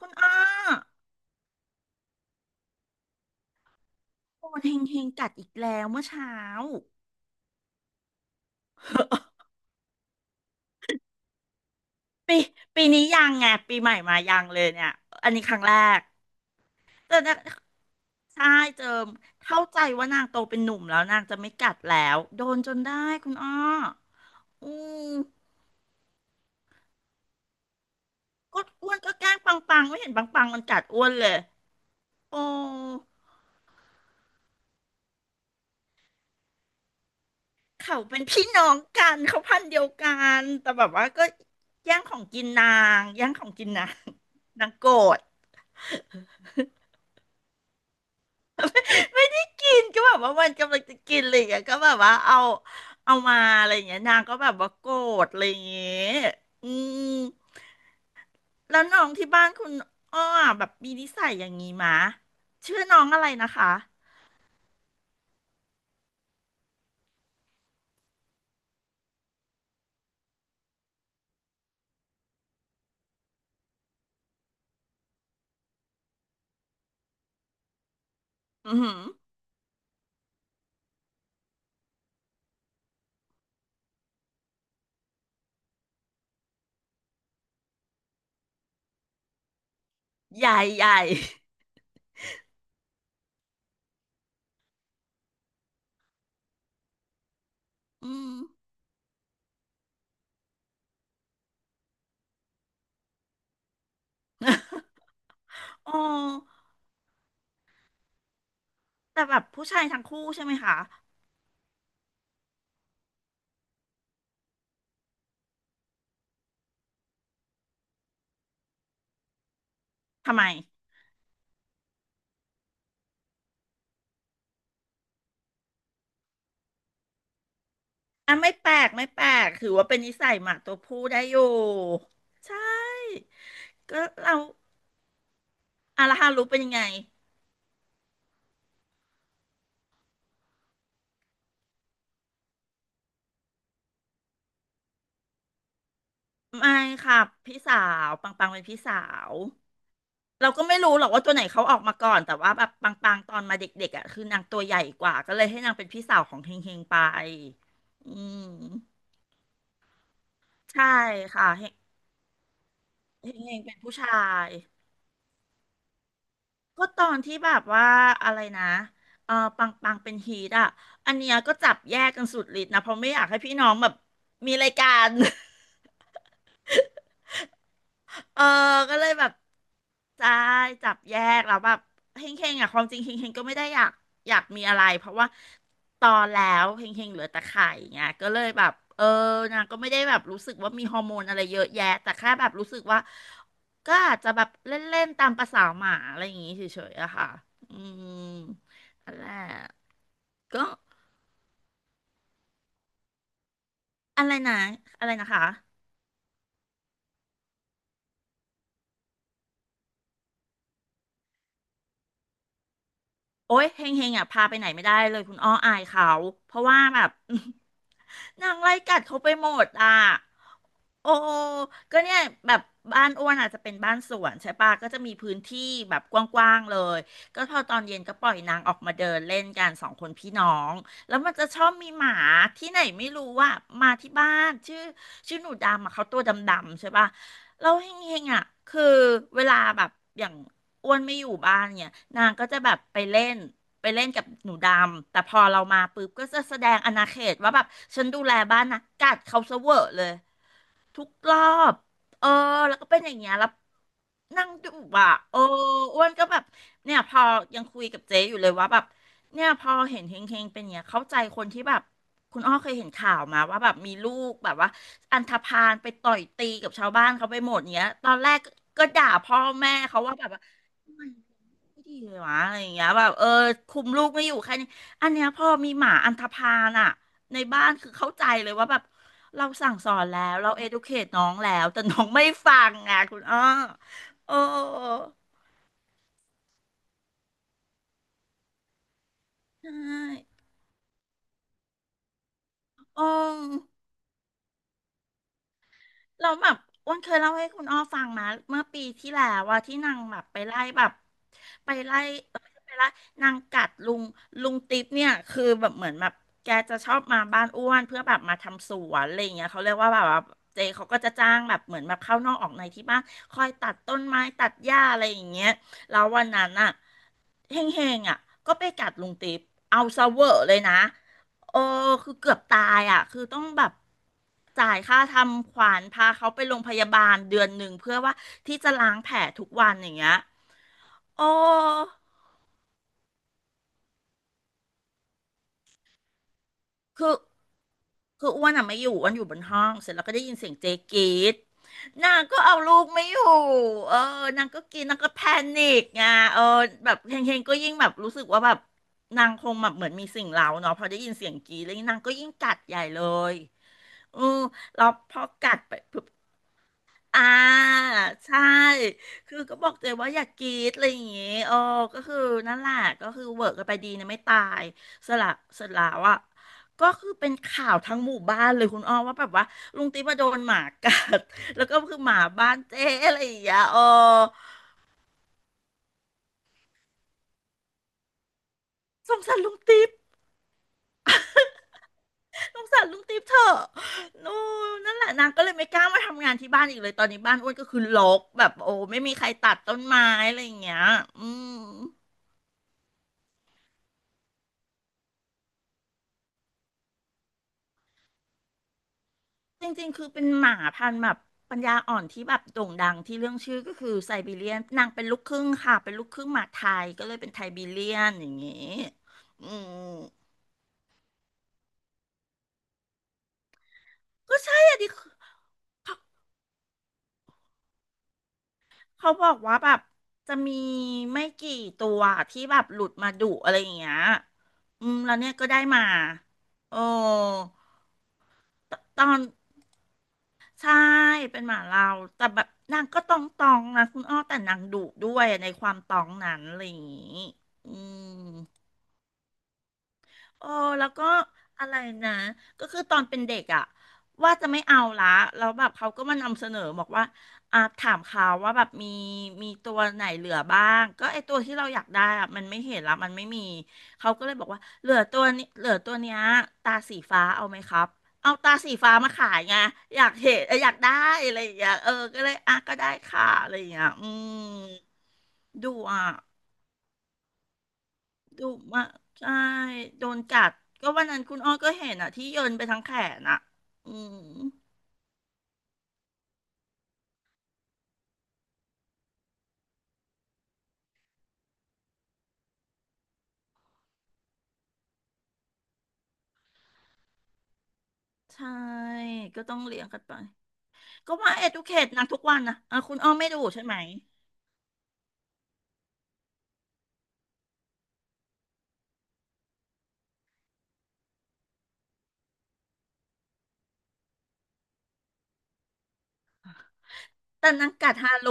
คุณอ้อโอนเฮงเฮงกัดอีกแล้วเมื่อเช้าปีปีนี้ยังไงปีใหม่มายังเลยเนี่ยอันนี้ครั้งแรกแต่นะใช่เจิมเข้าใจว่านางโตเป็นหนุ่มแล้วนางจะไม่กัดแล้วโดนจนได้คุณอ้ออืมก็อ้วนก็แกล้งปังปังไม่เห็นปังปังมันกัดอ้วนเลยโอ้เขาเป็นพี่น้องกันเขาพันธุ์เดียวกันแต่แบบว่าก็แย่งของกินนางแย่งของกินนางนางโกรธ กินก็แบบว่ามันกำลังจะกินอะไรอย่างเงี้ยก็แบบว่าเอาเอามาอะไรอย่างเงี้ยนางก็แบบว่าโกรธอะไรอย่างเงี้ยอืมแล้วน้องที่บ้านคุณอ้อแบบมีนิสัยอย่างงี้มะชื่อน้องอะไรนะคะอือหือใหญ่ใหญ่อืมอ๋อแต่แบบผู้ชายทั้งคู่ใช่ไหมคะทำไมไม่แปลกไม่แปลกถือว่าเป็นนิสัยหมาตัวผู้ได้อยู่ใช่ก็เราอาราฮารุเป็นยังไง ไม่ค่ะพี่สาวปังปังเป็นพี่สาวเราก็ไม่รู้หรอกว่าตัวไหนเขาออกมาก่อนแต่ว่าแบบปังปังตอนมาเด็กๆคือนางตัวใหญ่กว่าก็เลยให้นางเป็นพี่สาวของเฮงเฮงไปอืมใช่ค่ะเฮงเฮงเป็นผู้ชายก็ตอนที่แบบว่าอะไรนะเออปังปังเป็นฮีทอันเนี้ยก็จับแยกกันสุดฤทธิ์นะเพราะไม่อยากให้พี่น้องแบบมีรายการ เออก็เลยแบบใช่จับแยกแล้วแบบเฮงเฮงความจริงเฮงเฮงก็ไม่ได้อยากอยากมีอะไรเพราะว่าตอนแล้วเฮงเฮงเหลือแต่ไข่เงี้ยก็เลยแบบเออนางก็ไม่ได้แบบรู้สึกว่ามีฮอร์โมนอะไรเยอะแยะแต่แค่แบบรู้สึกว่าก็อาจจะแบบเล่นๆตามประสาหมาอะไรอย่างงี้เฉยๆอะค่ะอืมอะไรก็อะไรนะอะไรนะคะ โอ๊ยเฮงเฮงพาไปไหนไม่ได้เลยคุณอ้ออายเขาเพราะว่าแบบ นางไล่กัดเขาไปหมดโอ้ก็เนี่ยแบบบ้านอ้วนอาจจะเป็นบ้านสวนใช่ปะก็จะมีพื้นที่แบบกว้างๆเลยก็พอตอนเย็นก็ปล่อยนางออกมาเดินเล่นกันสองคนพี่น้องแล้วมันจะชอบมีหมาที่ไหนไม่รู้ว่ามาที่บ้านชื่อหนูดำอะเขาตัวดำๆใช่ปะ เราเฮงๆคือเวลาแบบอย่างอ้วนไม่อยู่บ้านเนี่ย นางก็จะแบบไปเล่นกับหนูดำ แต่พอเรามาปุ๊บก็จะแสดงอาณาเขตว่าแบบฉันดูแลบ้านนะ กัดเขาซะเวอร์เลย ทุกรอบ เออ แล้วก็เป็นอย่างเงี้ยแล้วนั่งดูเอออ้วนก็แบบ เนี่ยพอยังคุยกับเจ๊อยู่เลยว่าแบบ เนี่ยพอเห็นเฮงเฮงเป็นอย่างเงี้ยเข้าใจคนที่แบบคุณอ้อเคยเห็นข่าวมาว่าแบบมีลูกแบบว่าอันธพาลไปต่อยตีกับชาวบ้านเขาไปหมดเงี้ย ตอนแรกก็ด่าพ่อแม่เขาว่าแบบว่า ไม่ดีเลยวะอะไรอย่างเงี้ยแบบเออคุมลูกไม่อยู่แค่นี้อันเนี้ยพอมีหมาอันธพาลอะในบ้านคือเข้าใจเลยว่าแบบเราสั่งสอนแล้วเรา educate น้องแล้วแต่น้องไม่ฟังไงคุณอ้อเออใช่อือ เราแล้วแบบอ้วนเคยเล่าให้คุณอ้อฟังนะเมื่อปีที่แล้วว่าที่นางแบบไปไล่แบบไปไล่ไปไล่นางกัดลุงติ๊บเนี่ยคือแบบเหมือนแบบแกจะชอบมาบ้านอ้วนเพื่อแบบมาทำสวนอะไรอย่างเงี้ยเขาเรียกว่าแบบว่าเจเขาก็จะจ้างแบบเหมือนแบบเข้านอกออกในที่บ้านคอยตัดต้นไม้ตัดหญ้าอะไรอย่างเงี้ยแล้ววันนั้นเฮงเฮงก็ไปกัดลุงติ๊บเอาซะเวอร์เลยนะเออคือเกือบตายคือต้องแบบจ่ายค่าทำขวัญพาเขาไปโรงพยาบาลเดือนหนึ่งเพื่อว่าที่จะล้างแผลทุกวันอย่างเงี้ยโอ้ คือคืออ้วนไม่อยู่อ้วนอยู่บนห้องเสร็จแล้วก็ได้ยินเสียงเจ๊กรีดนางก็เอาลูกไม่อยู่เออนางก็กินนางก็แพนิกไงเออแบบเฮงเฮงก็ยิ่งแบบรู้สึกว่าแบบนางคงแบบเหมือนมีสิ่งเร้าเนาะพอได้ยินเสียงกรีดแล้วนางก็ยิ่งกัดใหญ่เลยเออแล้วพอกัดไป อ่าใช่คือก็บอกตัวเองว่าอย่ากรีดอะไรอย่างงี้โอ้ก็คือนั่นแหละก็คือเวิร์กกันไปดีนะไม่ตายสละสละว่ะก็คือเป็นข่าวทั้งหมู่บ้านเลยคุณอ้อว่าแบบว่าลุงติ๊บมาโดนหมากัด แล้วก็คือหมาบ้านเจ๊อะไรอย่างเงี้ยโอ้สงสารลุงติ๊บสงสารลุงติ๊บเถอะนู่นนั่นแหละนางก็เลยไม่กล้ามาทำงานที่บ้านอีกเลยตอนนี้บ้านอ้วนก็คือรกแบบโอ้ไม่มีใครตัดต้นไม้อะไรอย่างเงี้ยอืม จริงๆคือเป็นหมาพันธุ์แบบปัญญาอ่อนที่แบบโด่งดังที่เรื่องชื่อก็คือไซบีเรียนนางเป็นลูกครึ่งค่ะเป็นลูกครึ่งหมาไทยก็เลยเป็นไทบีเรียนอย่างงี้อืมก็ใช่อะดิเขาบอกว่าแบบจะมีไม่กี่ตัวที่แบบหลุดมาดุอะไรอย่างเงี้ยอืมแล้วเนี่ยก็ได้มาโอ้ตตอน ใช่เป็นหมาเราแต่แบบนางก็ตองตองนะคุณอ้อแต่นางดุด้วยในความตองนั้นอะไรอย่างงี้อืม เออแล้วก็อะไรนะก็คือตอนเป็นเด็กอ่ะว่าจะไม่เอาละแล้วแบบเขาก็มานำเสนอบอกว่าถามเขาว่าแบบมีตัวไหนเหลือบ้างก็ไอตัวที่เราอยากได้อ่ะมันไม่เห็นละมันไม่มีเขาก็เลยบอกว่าเหลือตัวนี้เหลือตัวเนี้ยตาสีฟ้าเอาไหมครับเอาตาสีฟ้ามาขายไงอยากเห็นเอออยากได้อะไรอย่างเงี้ยเออก็เลยอ่ะก็ได้ค่ะอะไรอย่างเงี้ยอืมดูอ่ะ ดุมากใช่โดนกัดก็วันนั้นคุณอ้อก็เห็นอ่ะที่โยนไปทั้งแขนอ่ะอืมใช่ก็ต้องเลี้ยงกันไปก็มาเอ u c เ t e นางทุกวันนะอ่ะคุณอ้อไม่ดูใช่ไหมแต่นางกัดฮารุ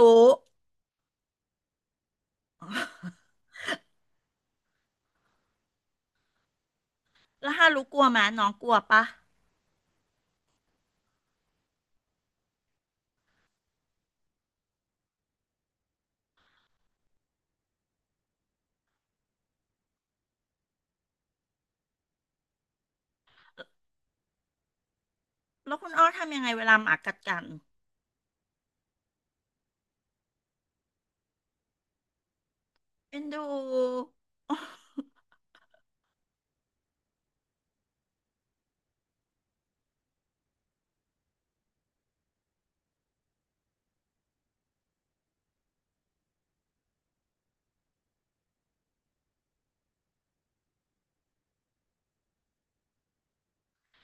แล้วฮารุกลัวไหมน้องกลัวปะแล้วคุณอ้อทำยังไงเวลาหมากัดกันเอ็นดู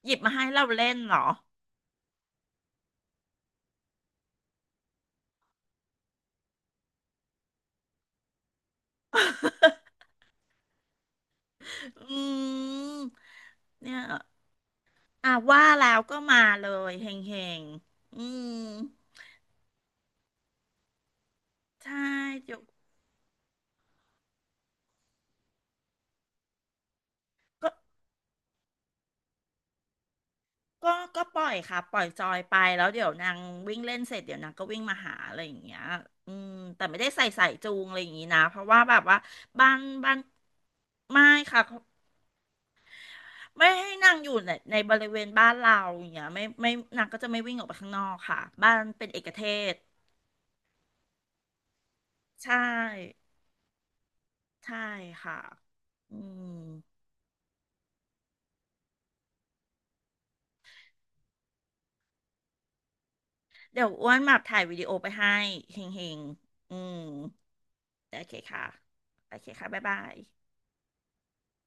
หยิบมาให้เราเล่นเหรอ อืมเนี่ยอ่ะว่าแล้วก็มาเลยเฮงๆอืม ใช่เดี๋ยวก็ก็ก็ปล่อยค่ะปล่อยจอยไปแล้วเดี๋ยวนางวิ่งเล่นเสร็จเดี๋ยวนางก็วิ่งมาหาอะไรอย่างเงี้ยอืมแต่ไม่ได้ใส่สายจูงอะไรอย่างงี้นะเพราะว่าแบบว่าบ้านบ้านไม่ค่ะไม่ให้นางอยู่ในบริเวณบ้านเราอย่างเงี้ยไม่นางก็จะไม่วิ่งออกไปข้างนอกค่ะบ้านเป็นเอกเทศใช่ใช่ค่ะอืมเดี๋ยวอ้วนมาถ่ายวิดีโอไปให้เฮงเฮงอืมโอเคค่ะโอเคค่ะบ๊ายบาย